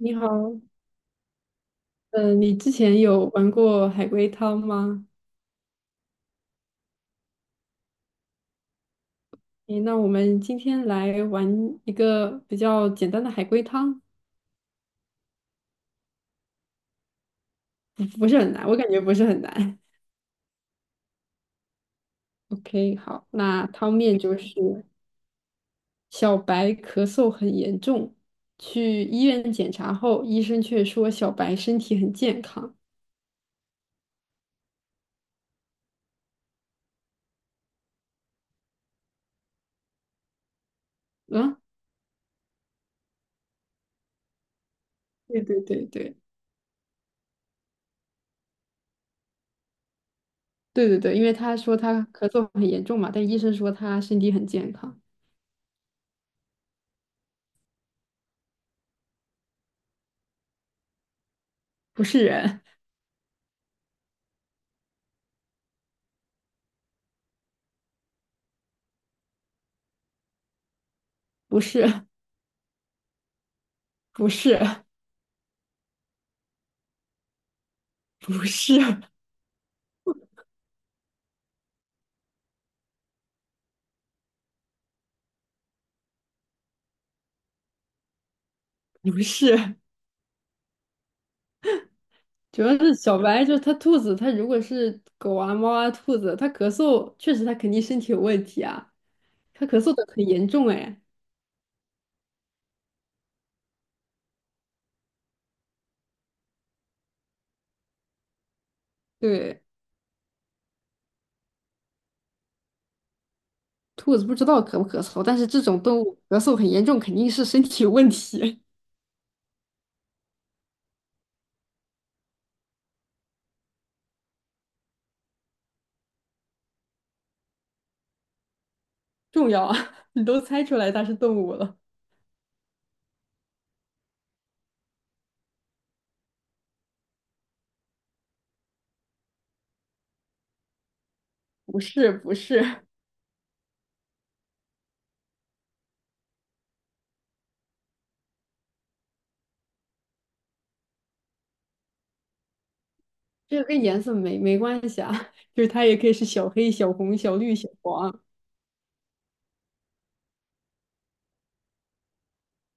你好，嗯，你之前有玩过海龟汤吗？诶，那我们今天来玩一个比较简单的海龟汤，不是很难，我感觉不是很难。OK，好，那汤面就是小白咳嗽很严重，去医院检查后，医生却说小白身体很健康。啊，对对对对对对对，因为他说他咳嗽很严重嘛，但医生说他身体很健康，不是人，不是，不是，不是。不是，主要是小白，就是它兔子，它如果是狗啊、猫啊、兔子，它咳嗽，确实它肯定身体有问题啊，它咳嗽的很严重哎。对，兔子不知道咳不咳嗽，但是这种动物咳嗽很严重，肯定是身体有问题，重要啊！你都猜出来它是动物了，不是不是，这个跟颜色没关系啊，就是它也可以是小黑、小红、小绿、小黄，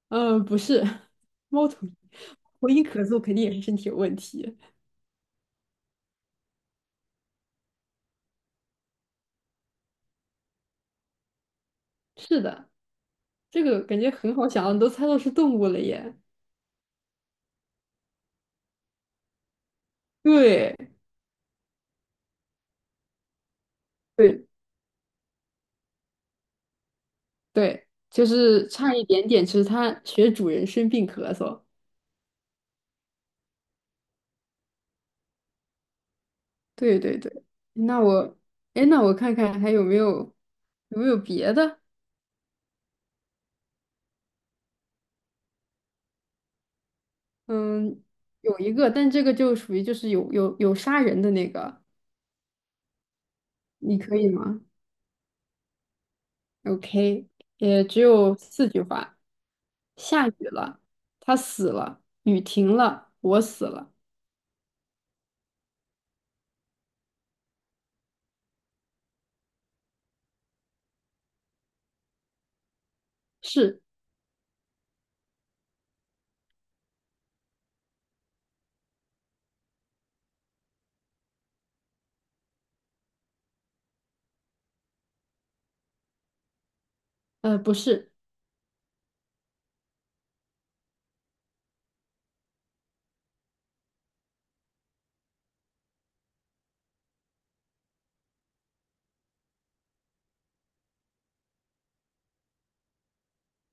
嗯、不是，猫头鹰，猫头鹰咳嗽肯定也是身体有问题，是的。这个感觉很好想，你都猜到是动物了耶。对对对，就是差一点点，就是它学主人生病咳嗽。对对对，那我，哎，那我看看还有没有有没有别的？嗯，有一个，但这个就属于就是有杀人的那个，你可以吗？OK，也只有四句话。下雨了，他死了；雨停了，我死了。是，不是。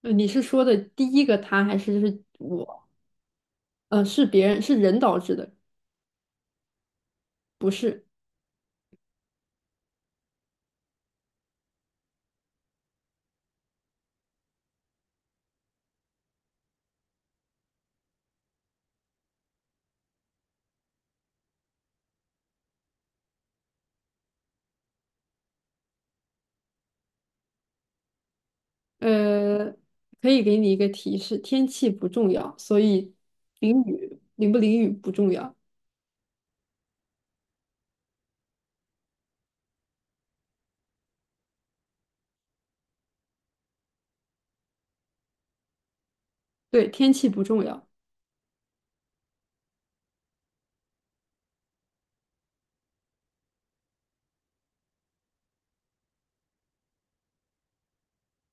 你是说的第一个他还是就是我？是别人，是人导致的，不是。呃，可以给你一个提示，天气不重要，所以淋不淋雨不重要。对，天气不重要，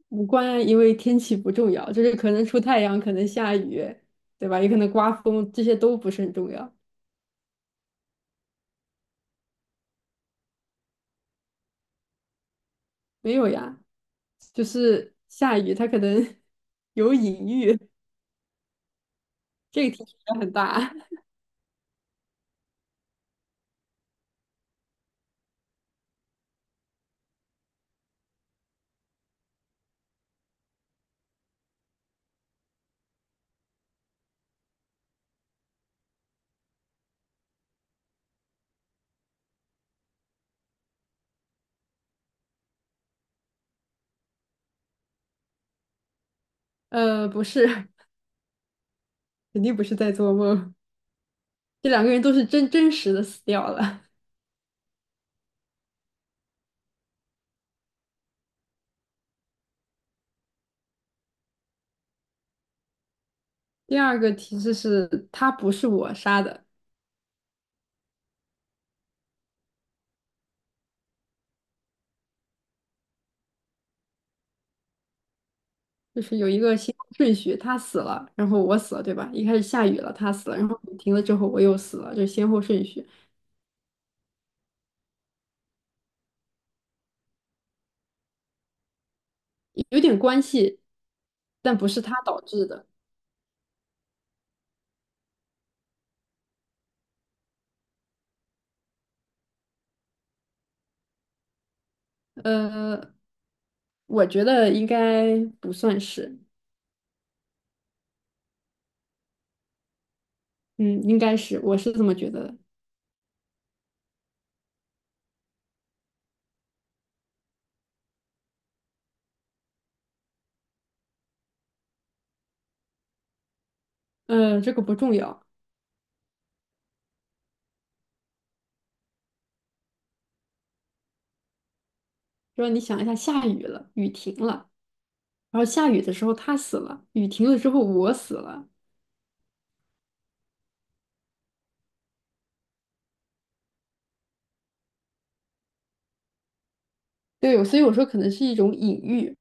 无关，因为天气不重要，就是可能出太阳，可能下雨，对吧？也可能刮风，这些都不是很重要。没有呀，就是下雨，它可能 有隐喻，这个提示也很大。不是，肯定不是在做梦。这两个人都是真实的死掉了。第二个提示是，他不是我杀的，就是有一个先后顺序，他死了，然后我死了，对吧？一开始下雨了，他死了，然后雨停了之后我又死了，就是先后顺序有点关系，但不是他导致的。呃，我觉得应该不算是，嗯，应该是，我是这么觉得的。这个不重要，就是你想一下，下雨了，雨停了，然后下雨的时候他死了，雨停了之后我死了。对，所以我说可能是一种隐喻，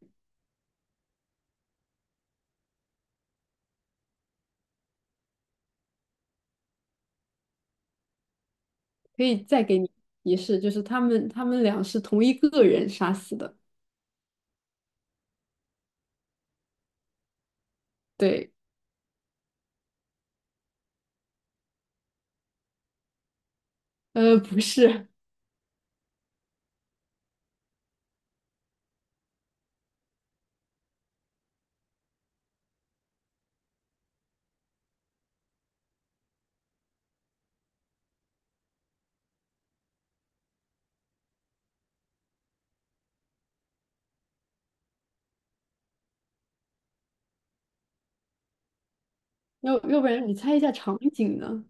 可以再给你提示，就是他们俩是同一个人杀死的。对，不是，要不然你猜一下场景呢？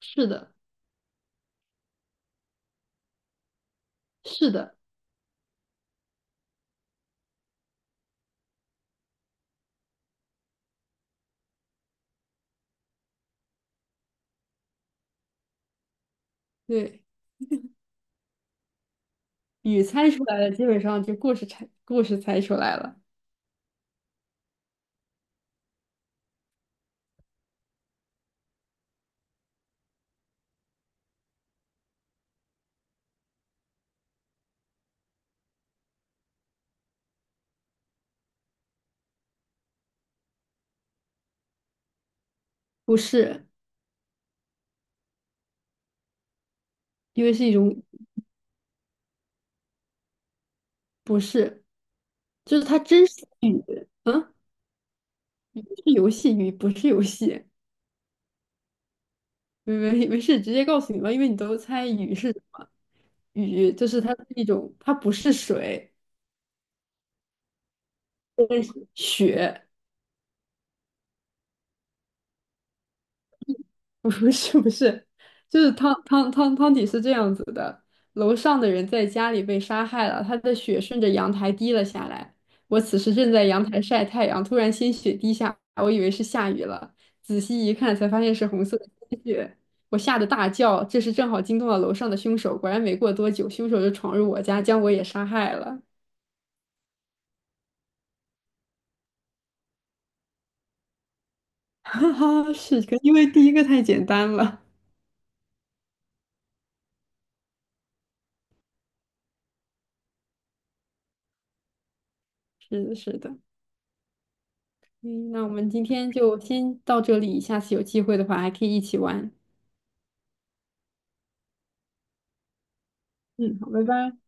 是的，是的，对，雨猜出来了，基本上就故事猜出来了，不是，因为是一种不是，就是它真是雨，嗯，是游戏雨，不是游戏，没事，直接告诉你吧，因为你都猜雨是什么，雨就是它是一种，它不是水。对雪，不是不是，就是汤底是这样子的：楼上的人在家里被杀害了，他的血顺着阳台滴了下来。我此时正在阳台晒太阳，突然鲜血滴下，我以为是下雨了，仔细一看才发现是红色的鲜血，我吓得大叫。这时正好惊动了楼上的凶手，果然没过多久，凶手就闯入我家，将我也杀害了。哈哈，是的，因为第一个太简单了。是的，是的。嗯，那我们今天就先到这里，下次有机会的话还可以一起玩。嗯，好，拜拜。